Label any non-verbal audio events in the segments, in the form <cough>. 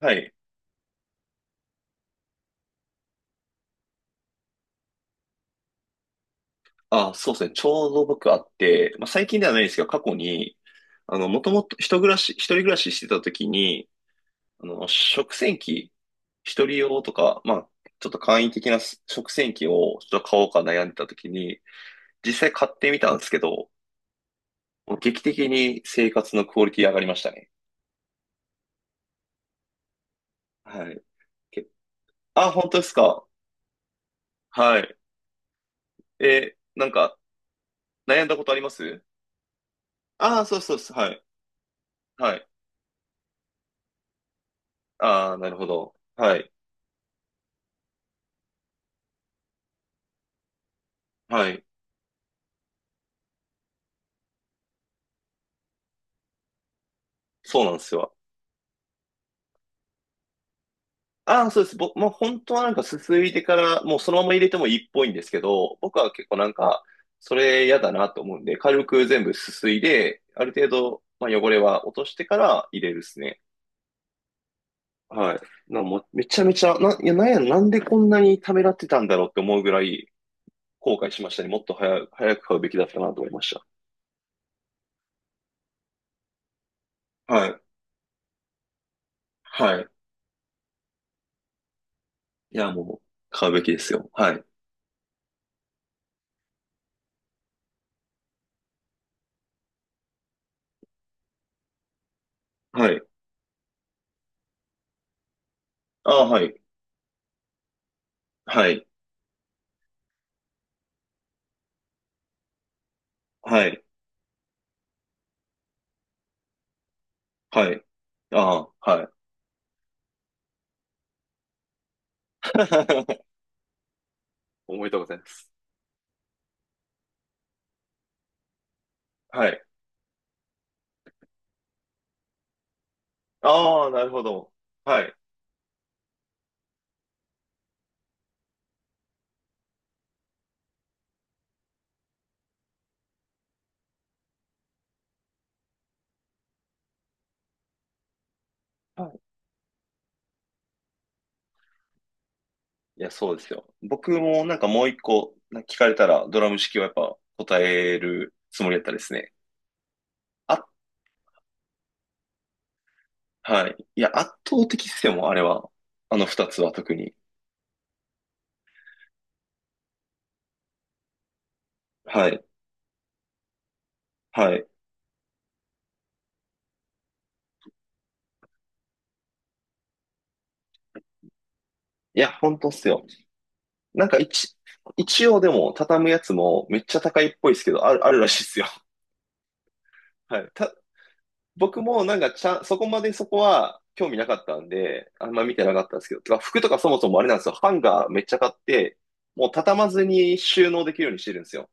はい。あ、そうですね。ちょうど僕あって、まあ、最近ではないですけど、過去に、もともと一人暮らししてた時に、食洗機、一人用とか、まあ、ちょっと簡易的な食洗機をちょっと買おうか悩んでた時に、実際買ってみたんですけど、もう劇的に生活のクオリティ上がりましたね。はい。けあ、本当ですか。はい。なんか、悩んだことあります？ああー、そうそうそう。はい。はい。ああ、なるほど。はい。はい。そうなんですよ。ああ、そうです。僕、まあ、本当はなんかすすいでから、もうそのまま入れてもいいっぽいんですけど、僕は結構なんか、それ嫌だなと思うんで、軽く全部すすいで、ある程度、まあ、汚れは落としてから入れるですね。はい。もう、めちゃめちゃ、な、いや、なんや、なんでこんなにためらってたんだろうって思うぐらい後悔しましたね。もっと早く買うべきだったなと思いました。はい。はい。いや、もう、買うべきですよ。はい。はい。ああ、はい。はい。はい。はい。ああ、はい。<laughs> おめでとうございます。はい。ああ、なるほど。はい。はい。いや、そうですよ。僕もなんかもう一個なんか聞かれたらドラム式はやっぱ答えるつもりだったですね。あ、はい。いや、圧倒的っすよ、もうあれは。あの二つは特に。はい。はい。いや、本当っすよ。なんか一応でも畳むやつもめっちゃ高いっぽいですけど、あるらしいっすよ。はい。僕もなんかちゃん、そこまでそこは興味なかったんで、あんま見てなかったんですけど、てか服とかそもそもあれなんですよ。ハンガーめっちゃ買って、もう畳まずに収納できるようにしてるんですよ。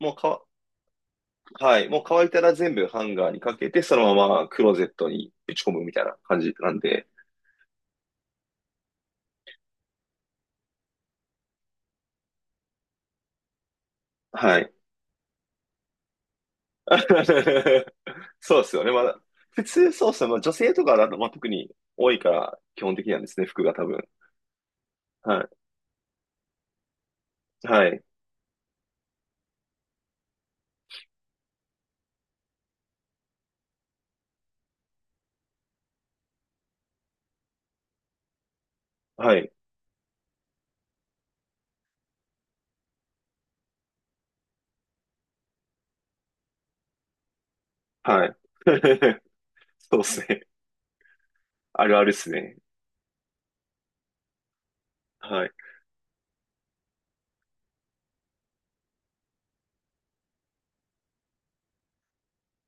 もうか、はい。もう乾いたら全部ハンガーにかけて、そのままクローゼットにぶち込むみたいな感じなんで、はい。<laughs> そうですよね。普通そうっすね。まあ、女性とかだと、まあ、特に多いから基本的なんですね。服が多分。はい。はい。はい。はい。<laughs> そうっすね。あるあるっすね。はい。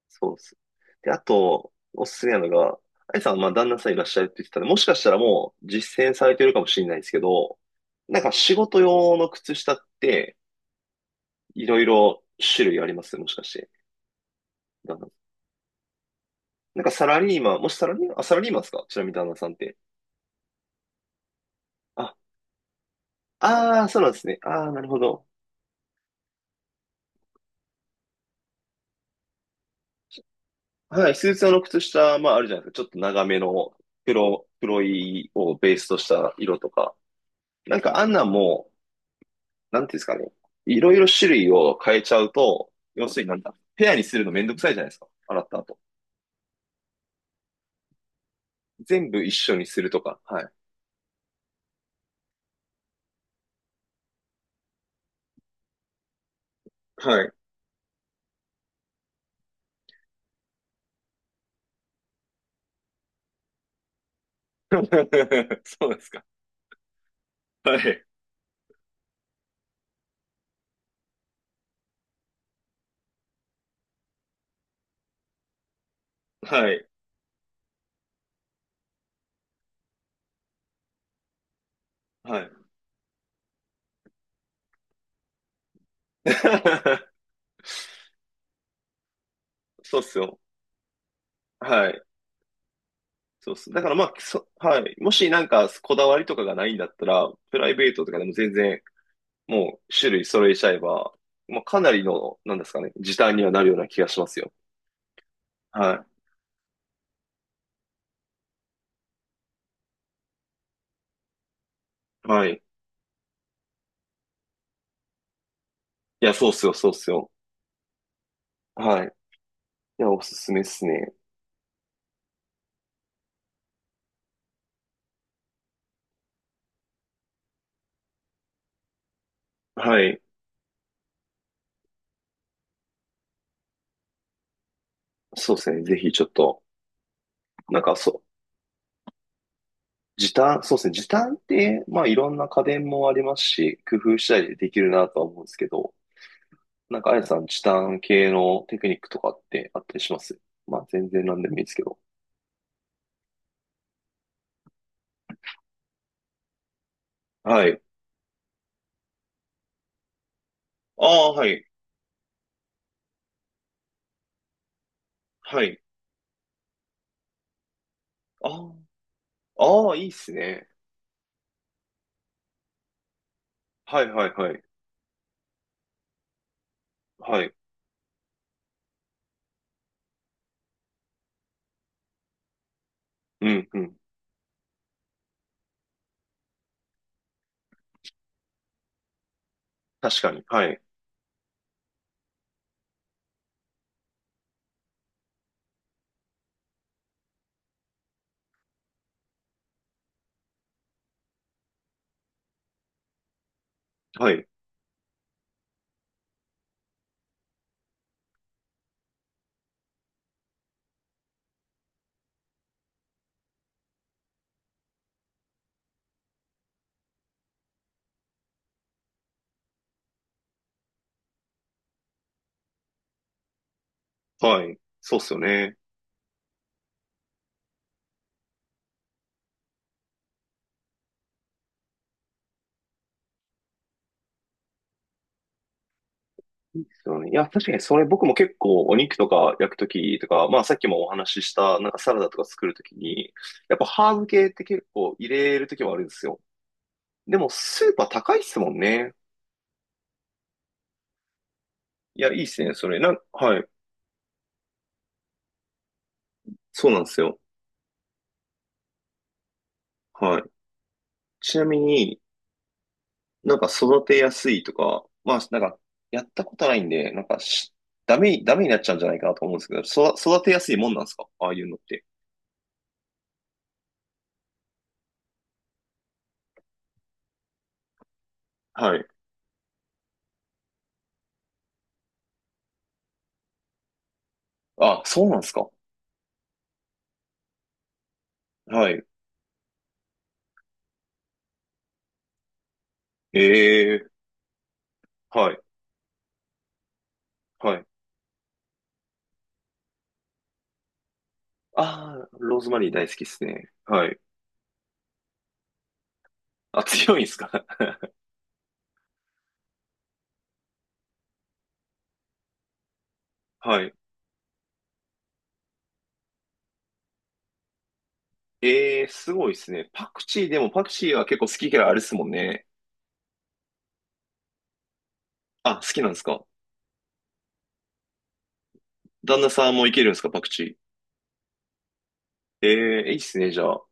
そうっす。で、あと、おすすめなのが、あいさん、まあ、旦那さんいらっしゃるって言ってたんで、もしかしたらもう実践されてるかもしれないですけど、なんか仕事用の靴下って、いろいろ種類あります？もしかして。旦那なんかサラリーマン、もしサラリーマン、あ、サラリーマンですか？ちなみに旦那さんって。あ、ああ、そうなんですね。ああ、なるほど。はい、スーツ用の靴下、まああるじゃないですか。ちょっと長めの黒いをベースとした色とか。なんかあんなんも、なんていうんですかね。いろいろ種類を変えちゃうと、要するになんだ、ペアにするのめんどくさいじゃないですか。洗った後。全部一緒にするとか。はい。はい。<laughs> そうですか。はい。はい。はい。<laughs> そうっすよ。はい。そうっす。だからまあ、はい。もしなんかこだわりとかがないんだったら、プライベートとかでも全然もう種類揃えちゃえば、まあ、かなりの、なんですかね、時短にはなるような気がしますよ。はい。はい。いや、そうっすよ、そうっすよ。はい。いや、おすすめですね。はい。そうですね。ぜひちょっと、なんかそう、時短、そうですね。時短って、まあいろんな家電もありますし、工夫したりでできるなとは思うんですけど、なんかあやさん、時短系のテクニックとかってあったりします？まあ全然なんでもいいですけど。はい。ああ、はい。はい。ああ、ああ、いいっすね。はいはいはい。はい。うんうん。確かに。はい。はい。はい。そうっすよね。そうね、いや、確かにそれ僕も結構お肉とか焼くときとか、まあさっきもお話ししたなんかサラダとか作るときに、やっぱハーブ系って結構入れるときはあるんですよ。でもスーパー高いっすもんね。いや、いいっすね、それ。はい。そうなんですよ。はい。ちなみになんか育てやすいとか、まあなんかやったことないんで、なんかダメになっちゃうんじゃないかなと思うんですけど、育てやすいもんなんですか？ああいうのって。はい。あ、そうなんですか。はい。ええ、はい。はい。ああ、ローズマリー大好きですね。はい。あ、強いんすか？ <laughs> はい。ええーすごいですね。パクチーでもパクチーは結構好き嫌いあるっすもんね。あ、好きなんですか？旦那さんもいけるんですか？パクチー。ええーいいっすね、じゃあ。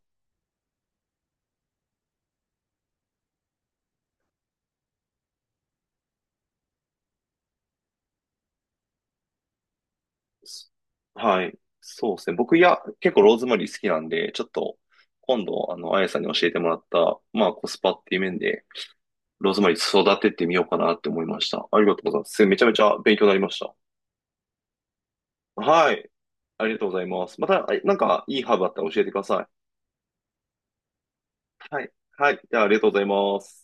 すはい。そうですね。僕、いや、結構ローズマリー好きなんで、ちょっと、今度、あの、あやさんに教えてもらった、まあ、コスパっていう面で、ローズマリー育ててみようかなって思いました。ありがとうございます。めちゃめちゃ勉強になりました。はい。ありがとうございます。また、なんか、いいハーブあったら教えてください。はい。はい。じゃあ、ありがとうございます。